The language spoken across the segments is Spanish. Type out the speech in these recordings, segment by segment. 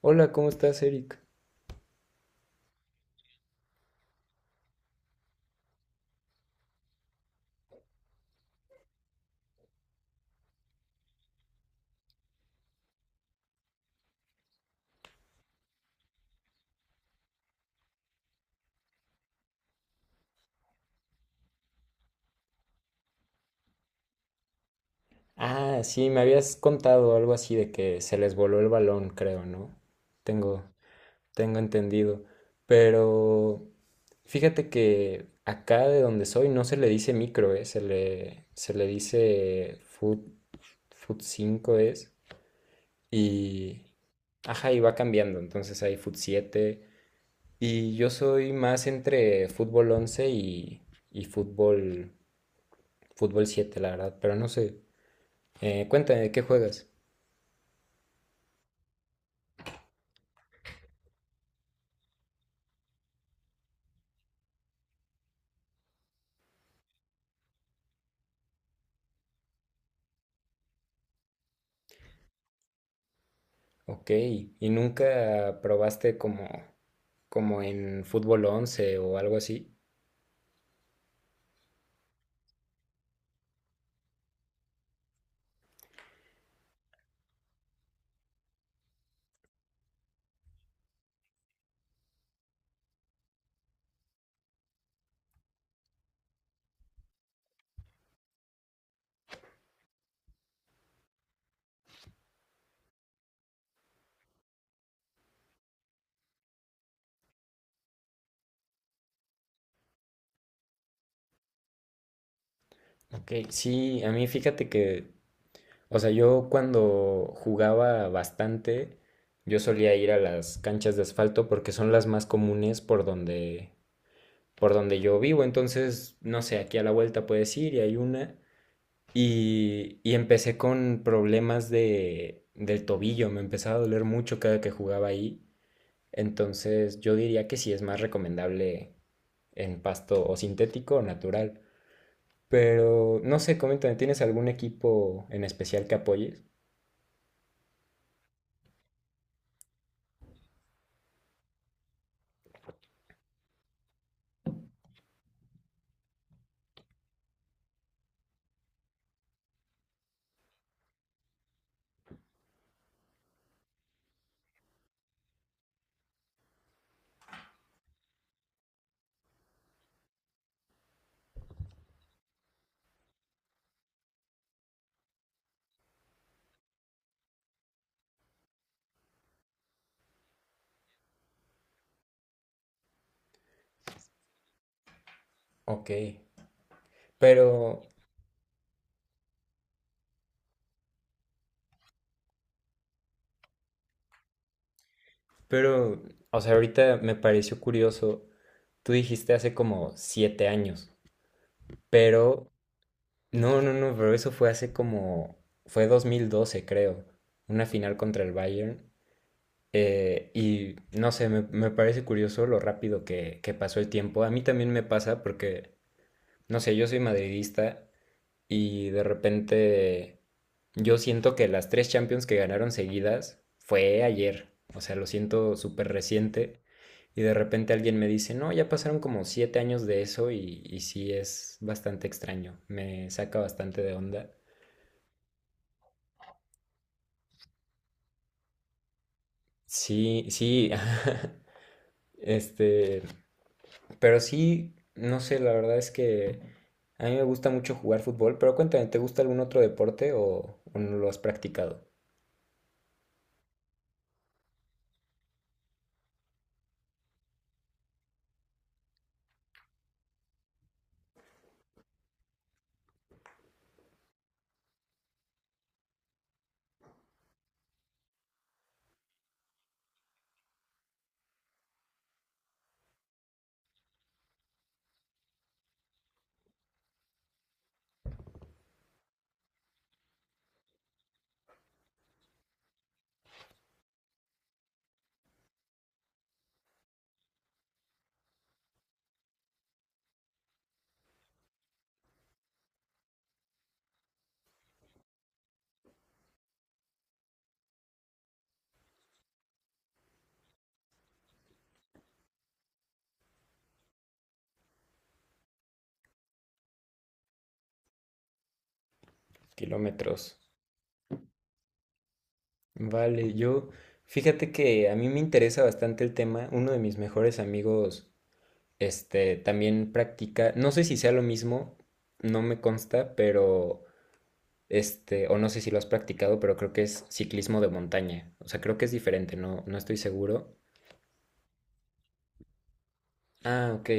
Hola, ¿cómo estás, Eric? Ah, sí, me habías contado algo así de que se les voló el balón, creo, ¿no? Tengo, tengo entendido. Pero fíjate que acá de donde soy no se le dice micro, ¿eh? Se le dice foot 5 es. Y, ajá, y va cambiando. Entonces hay foot siete. Y yo soy más entre fútbol 11 y fútbol 7, la verdad. Pero no sé. Cuéntame, ¿de qué juegas? Ok, ¿y nunca probaste como en fútbol 11 o algo así? Ok, sí, a mí fíjate que, o sea, yo cuando jugaba bastante, yo solía ir a las canchas de asfalto porque son las más comunes por donde yo vivo, entonces, no sé, aquí a la vuelta puedes ir y hay una. Y empecé con problemas del tobillo, me empezaba a doler mucho cada que jugaba ahí. Entonces yo diría que sí es más recomendable en pasto o sintético o natural. Pero no sé, coméntame, ¿tienes algún equipo en especial que apoyes? Ok, pero, pero, o sea, ahorita me pareció curioso, tú dijiste hace como 7 años, pero, no, no, no, pero eso fue fue 2012 creo, una final contra el Bayern, y no sé, me parece curioso lo rápido que pasó el tiempo, a mí también me pasa porque no sé, yo soy madridista y de repente yo siento que las tres Champions que ganaron seguidas fue ayer. O sea, lo siento súper reciente. Y de repente alguien me dice, no, ya pasaron como 7 años de eso y sí es bastante extraño. Me saca bastante de onda. Sí, sí. Este, pero sí, no sé, la verdad es que a mí me gusta mucho jugar fútbol, pero cuéntame, ¿te gusta algún otro deporte o no lo has practicado? Kilómetros. Vale, fíjate que a mí me interesa bastante el tema. Uno de mis mejores amigos, este, también practica, no sé si sea lo mismo, no me consta, pero, este, o no sé si lo has practicado, pero creo que es ciclismo de montaña. O sea, creo que es diferente, no, no estoy seguro. Ah, ok,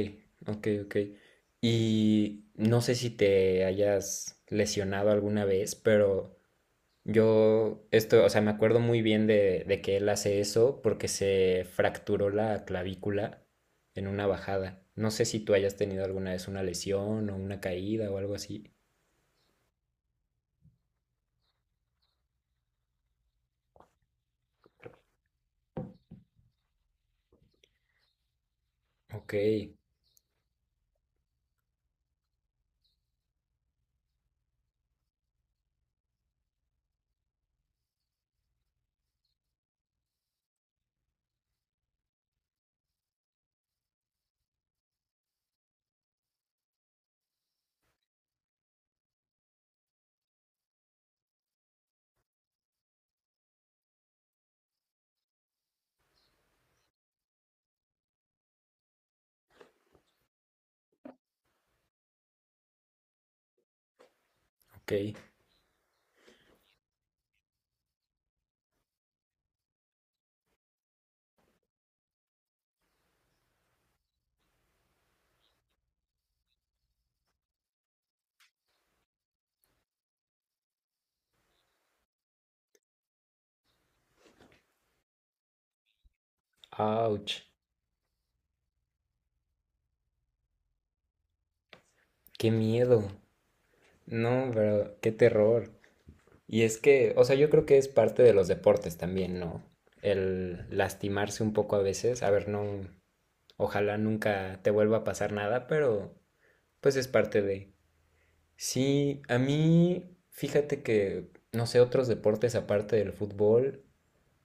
ok, ok. Y no sé si te hayas lesionado alguna vez, pero yo, esto, o sea, me acuerdo muy bien de que él hace eso porque se fracturó la clavícula en una bajada. No sé si tú hayas tenido alguna vez una lesión o una caída o algo así. Ok, ok. Ouch. Qué miedo. No, pero qué terror. Y es que, o sea, yo creo que es parte de los deportes también, ¿no? El lastimarse un poco a veces. A ver, no, ojalá nunca te vuelva a pasar nada, pero pues es parte de. Sí, a mí, fíjate que, no sé, otros deportes aparte del fútbol,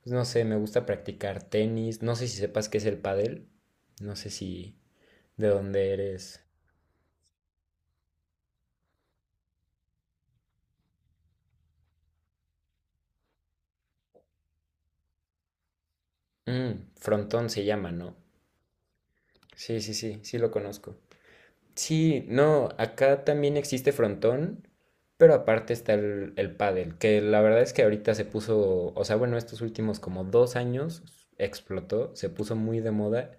pues no sé, me gusta practicar tenis, no sé si sepas qué es el pádel, no sé si de dónde eres. Frontón se llama, ¿no? Sí, sí, sí, sí lo conozco. Sí, no, acá también existe frontón, pero aparte está el pádel, que la verdad es que ahorita se puso, o sea, bueno, estos últimos como 2 años explotó, se puso muy de moda.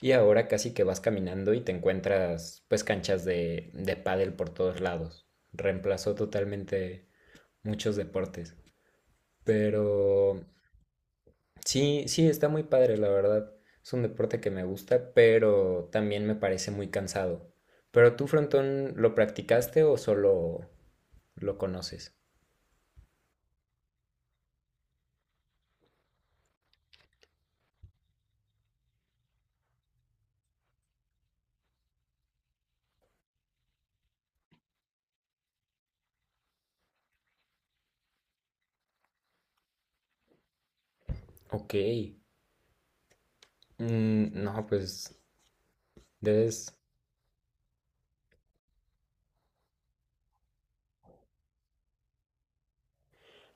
Y ahora casi que vas caminando y te encuentras pues canchas de pádel por todos lados. Reemplazó totalmente muchos deportes. Pero sí, sí, está muy padre, la verdad. Es un deporte que me gusta, pero también me parece muy cansado. ¿Pero tú, frontón, lo practicaste o solo lo conoces? Ok. Mm, no, pues debes.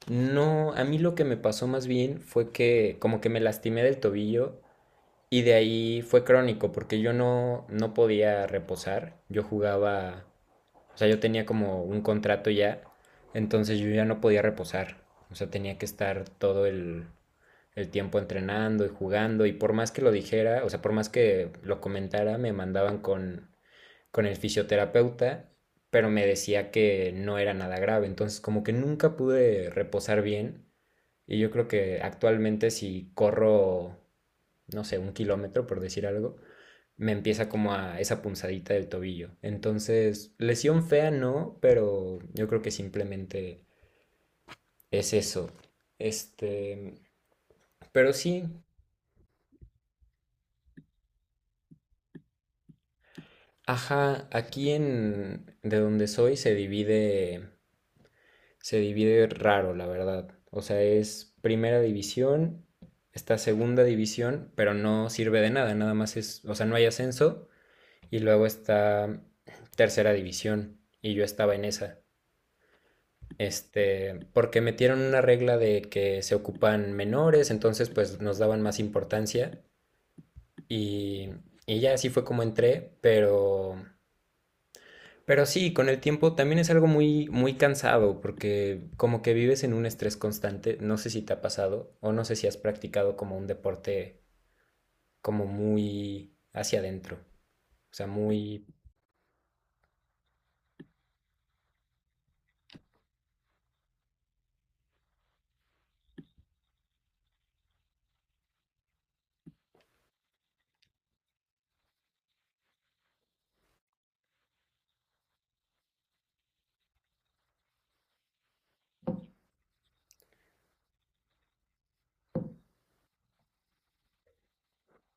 No, a mí lo que me pasó más bien fue que como que me lastimé del tobillo y de ahí fue crónico, porque yo no podía reposar. Yo jugaba, o sea, yo tenía como un contrato ya, entonces yo ya no podía reposar. O sea, tenía que estar todo el tiempo entrenando y jugando. Y por más que lo dijera, o sea, por más que lo comentara, me mandaban con el fisioterapeuta, pero me decía que no era nada grave. Entonces, como que nunca pude reposar bien. Y yo creo que actualmente si corro, no sé, un kilómetro, por decir algo, me empieza como a esa punzadita del tobillo. Entonces, lesión fea no, pero yo creo que simplemente es eso. Este, pero sí, ajá, aquí en de donde soy se divide raro, la verdad. O sea, es primera división, está segunda división, pero no sirve de nada, nada más es, o sea, no hay ascenso y luego está tercera división y yo estaba en esa. Este, porque metieron una regla de que se ocupan menores, entonces pues nos daban más importancia y, y ya así fue como entré, pero, sí, con el tiempo también es algo muy, muy cansado porque como que vives en un estrés constante, no sé si te ha pasado o no sé si has practicado como un deporte como muy hacia adentro, o sea, muy,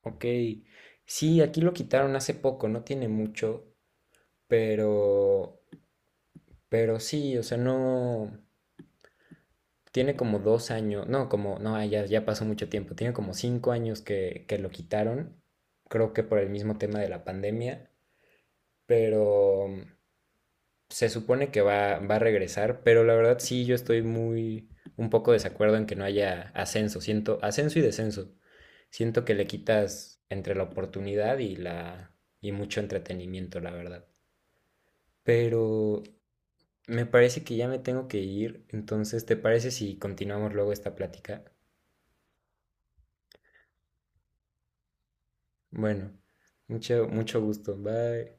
ok, sí, aquí lo quitaron hace poco, no tiene mucho, pero. Pero sí, o sea, no, tiene como 2 años, no, como, no, ya pasó mucho tiempo, tiene como 5 años que lo quitaron, creo que por el mismo tema de la pandemia, pero se supone que va a regresar, pero la verdad sí, yo estoy muy, un poco desacuerdo en que no haya ascenso, siento, ascenso y descenso, siento que le quitas entre la oportunidad y y mucho entretenimiento, la verdad. Pero me parece que ya me tengo que ir, entonces, ¿te parece si continuamos luego esta plática? Bueno, mucho, mucho gusto. Bye.